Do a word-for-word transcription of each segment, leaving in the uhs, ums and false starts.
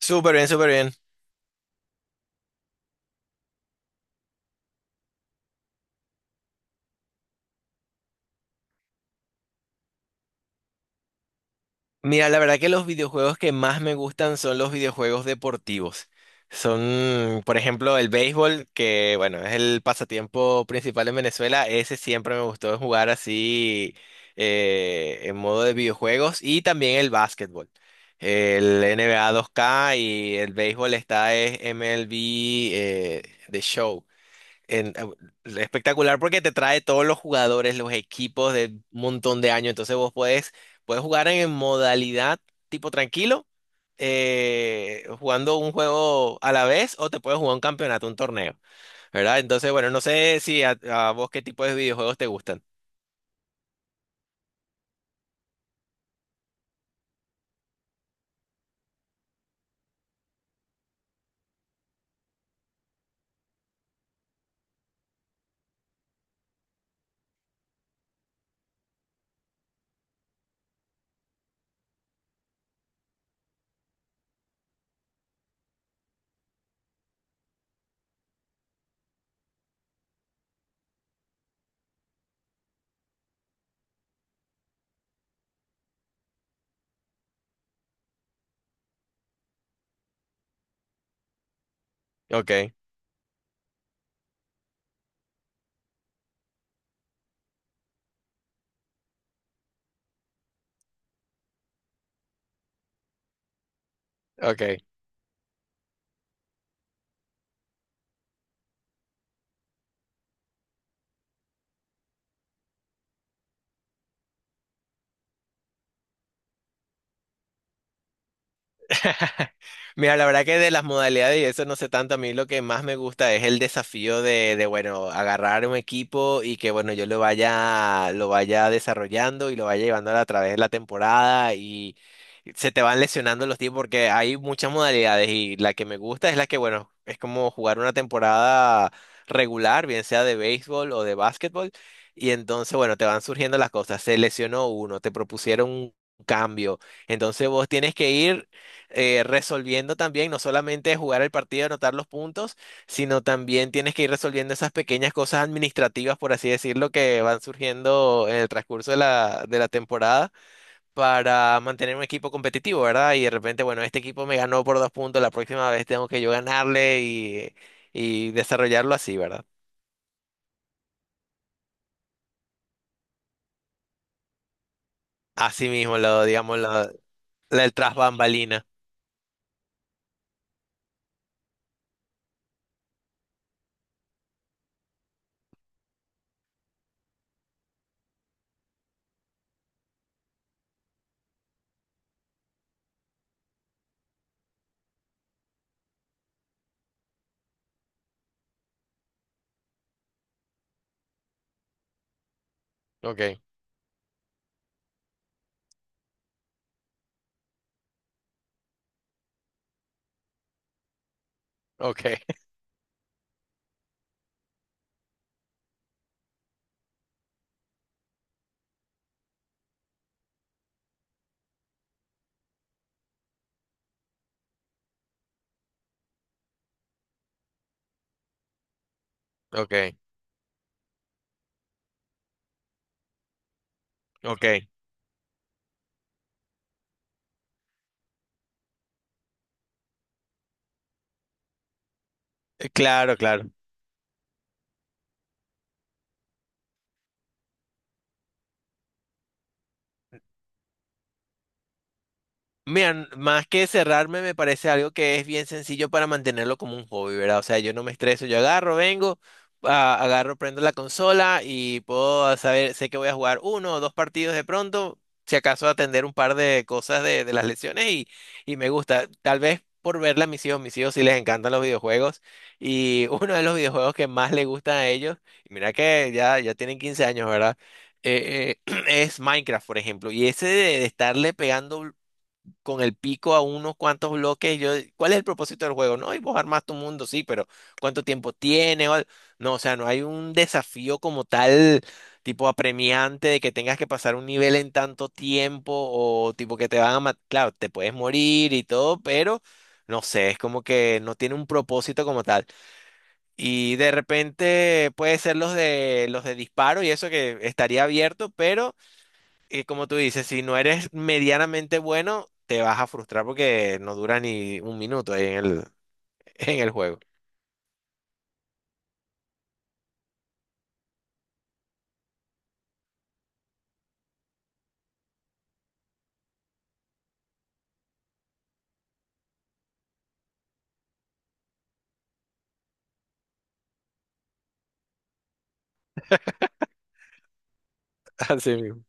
Súper bien, súper bien. Mira, la verdad que los videojuegos que más me gustan son los videojuegos deportivos. Son, por ejemplo, el béisbol, que bueno, es el pasatiempo principal en Venezuela. Ese siempre me gustó jugar así eh, en modo de videojuegos. Y también el básquetbol. El N B A dos K y el béisbol está es M L B eh, The Show. en- eh, Espectacular porque te trae todos los jugadores, los equipos de un montón de años. Entonces vos podés, puedes jugar en modalidad tipo tranquilo, eh, jugando un juego a la vez, o te puedes jugar un campeonato, un torneo, ¿verdad? Entonces, bueno, no sé si a, a vos qué tipo de videojuegos te gustan. Ok, ok. Mira, la verdad que de las modalidades y eso no sé tanto, a mí lo que más me gusta es el desafío de, de, bueno, agarrar un equipo y que, bueno, yo lo vaya, lo vaya desarrollando y lo vaya llevando a través de la temporada y se te van lesionando los tiempos porque hay muchas modalidades y la que me gusta es la que, bueno, es como jugar una temporada regular, bien sea de béisbol o de básquetbol, y entonces, bueno, te van surgiendo las cosas, se lesionó uno, te propusieron un cambio. Entonces vos tienes que ir eh, resolviendo también, no solamente jugar el partido, anotar los puntos, sino también tienes que ir resolviendo esas pequeñas cosas administrativas, por así decirlo, que van surgiendo en el transcurso de la, de la temporada para mantener un equipo competitivo, ¿verdad? Y de repente, bueno, este equipo me ganó por dos puntos, la próxima vez tengo que yo ganarle y, y desarrollarlo así, ¿verdad? Así mismo, lo, digamos, lo, la- el tras bambalina. Ok, ok, ok, ok. Claro, claro. Mira, más que cerrarme, me parece algo que es bien sencillo para mantenerlo como un hobby, ¿verdad? O sea, yo no me estreso, yo agarro, vengo, a- agarro, prendo la consola y puedo saber, sé que voy a jugar uno o dos partidos de pronto, si acaso atender un par de cosas de, de las lesiones y, y me gusta. Tal vez por verla a mis hijos, mis hijos sí les encantan los videojuegos y uno de los videojuegos que más les gustan a ellos, y mira que ya, ya tienen quince años, ¿verdad? Eh, eh, es Minecraft, por ejemplo, y ese de de estarle pegando con el pico a unos cuantos bloques. Yo, ¿cuál es el propósito del juego? No, y vos armás tu mundo, sí, pero ¿cuánto tiempo tiene? O al- No, o sea, no hay un desafío como tal, tipo apremiante, de que tengas que pasar un nivel en tanto tiempo o tipo que te van a matar. Claro, te puedes morir y todo, pero no sé, es como que no tiene un propósito como tal. Y de repente puede ser los de los de disparo y eso que estaría abierto, pero y como tú dices, si no eres medianamente bueno, te vas a frustrar porque no dura ni un minuto ahí en el, en el juego. Así mismo.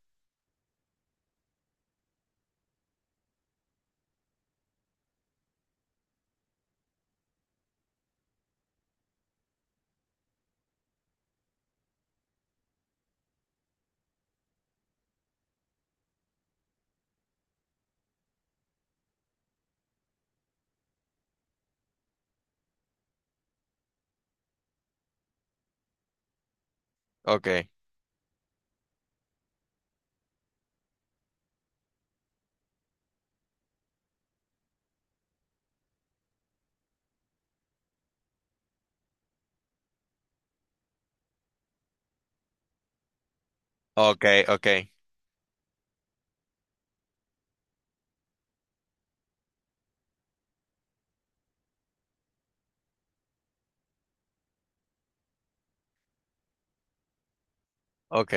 Ok, ok, ok, ok.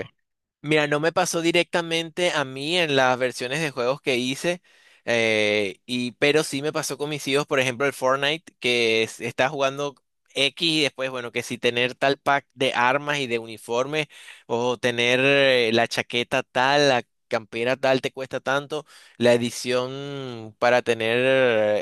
Mira, no me pasó directamente a mí en las versiones de juegos que hice, eh, y, pero sí me pasó con mis hijos, por ejemplo, el Fortnite, que es- está jugando X y después, bueno, que si tener tal pack de armas y de uniforme, o tener eh, la chaqueta tal, la campera tal, te cuesta tanto, la edición para tener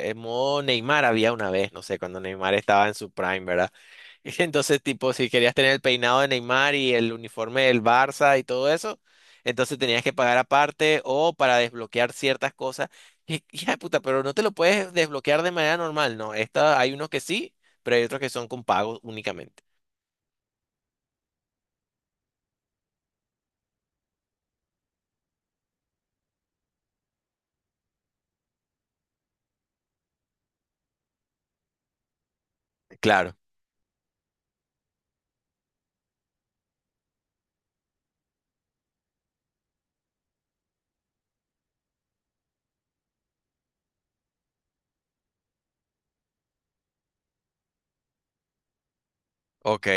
eh, modo Neymar había una vez, no sé, cuando Neymar estaba en su prime, ¿verdad? Entonces, tipo, si querías tener el peinado de Neymar y el uniforme del Barça y todo eso, entonces tenías que pagar aparte o para desbloquear ciertas cosas. Y hija de puta, pero no te lo puedes desbloquear de manera normal, ¿no? Esta, hay unos que sí, pero hay otros que son con pago únicamente. Claro, ok,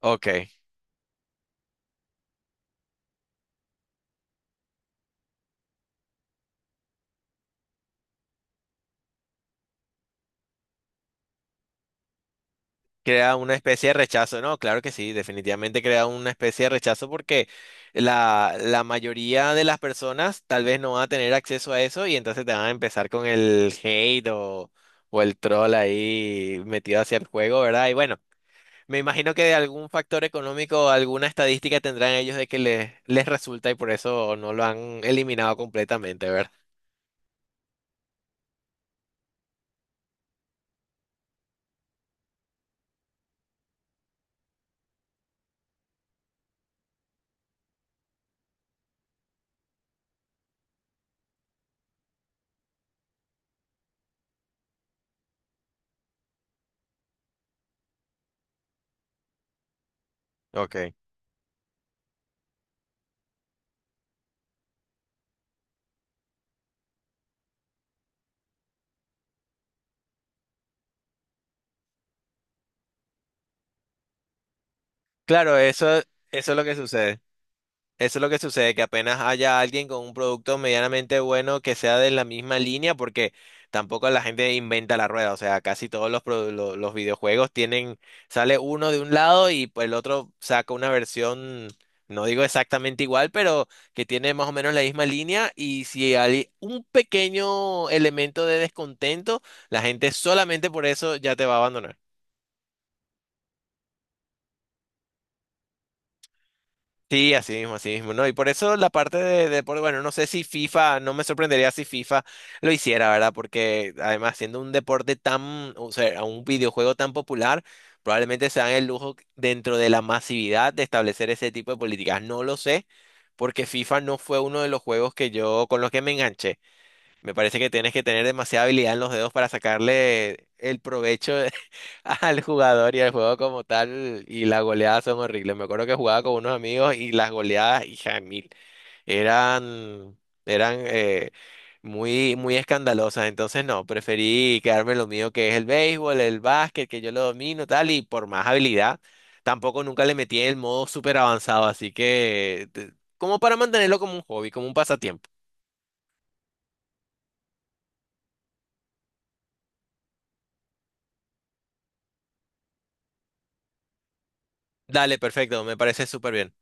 ok. Crea una especie de rechazo, ¿no? Claro que sí, definitivamente crea una especie de rechazo porque la, la mayoría de las personas tal vez no van a tener acceso a eso y entonces te van a empezar con el hate o, o el troll ahí metido hacia el juego, ¿verdad? Y bueno, me imagino que de algún factor económico, alguna estadística tendrán ellos de que les, les resulta y por eso no lo han eliminado completamente, ¿verdad? Ok. Claro, eso, eso es lo que sucede. Eso es lo que sucede, que apenas haya alguien con un producto medianamente bueno que sea de la misma línea, porque tampoco la gente inventa la rueda, o sea, casi todos los, produ- lo- los videojuegos tienen, sale uno de un lado y pues, el otro saca una versión, no digo exactamente igual, pero que tiene más o menos la misma línea y si hay un pequeño elemento de descontento, la gente solamente por eso ya te va a abandonar. Sí, así mismo, así mismo, ¿no? Y por eso la parte de deporte, bueno, no sé si FIFA, no me sorprendería si FIFA lo hiciera, ¿verdad? Porque además siendo un deporte tan, o sea, un videojuego tan popular, probablemente se dan el lujo dentro de la masividad de establecer ese tipo de políticas. No lo sé, porque FIFA no fue uno de los juegos que yo, con los que me enganché. Me parece que tienes que tener demasiada habilidad en los dedos para sacarle el provecho al jugador y al juego como tal, y las goleadas son horribles. Me acuerdo que jugaba con unos amigos y las goleadas, hija de mil, eran, eran eh, muy, muy escandalosas. Entonces, no, preferí quedarme en lo mío, que es el béisbol, el básquet, que yo lo domino, tal, y por más habilidad, tampoco nunca le metí el modo súper avanzado, así que, te- como para mantenerlo como un hobby, como un pasatiempo. Dale, perfecto, me parece súper bien.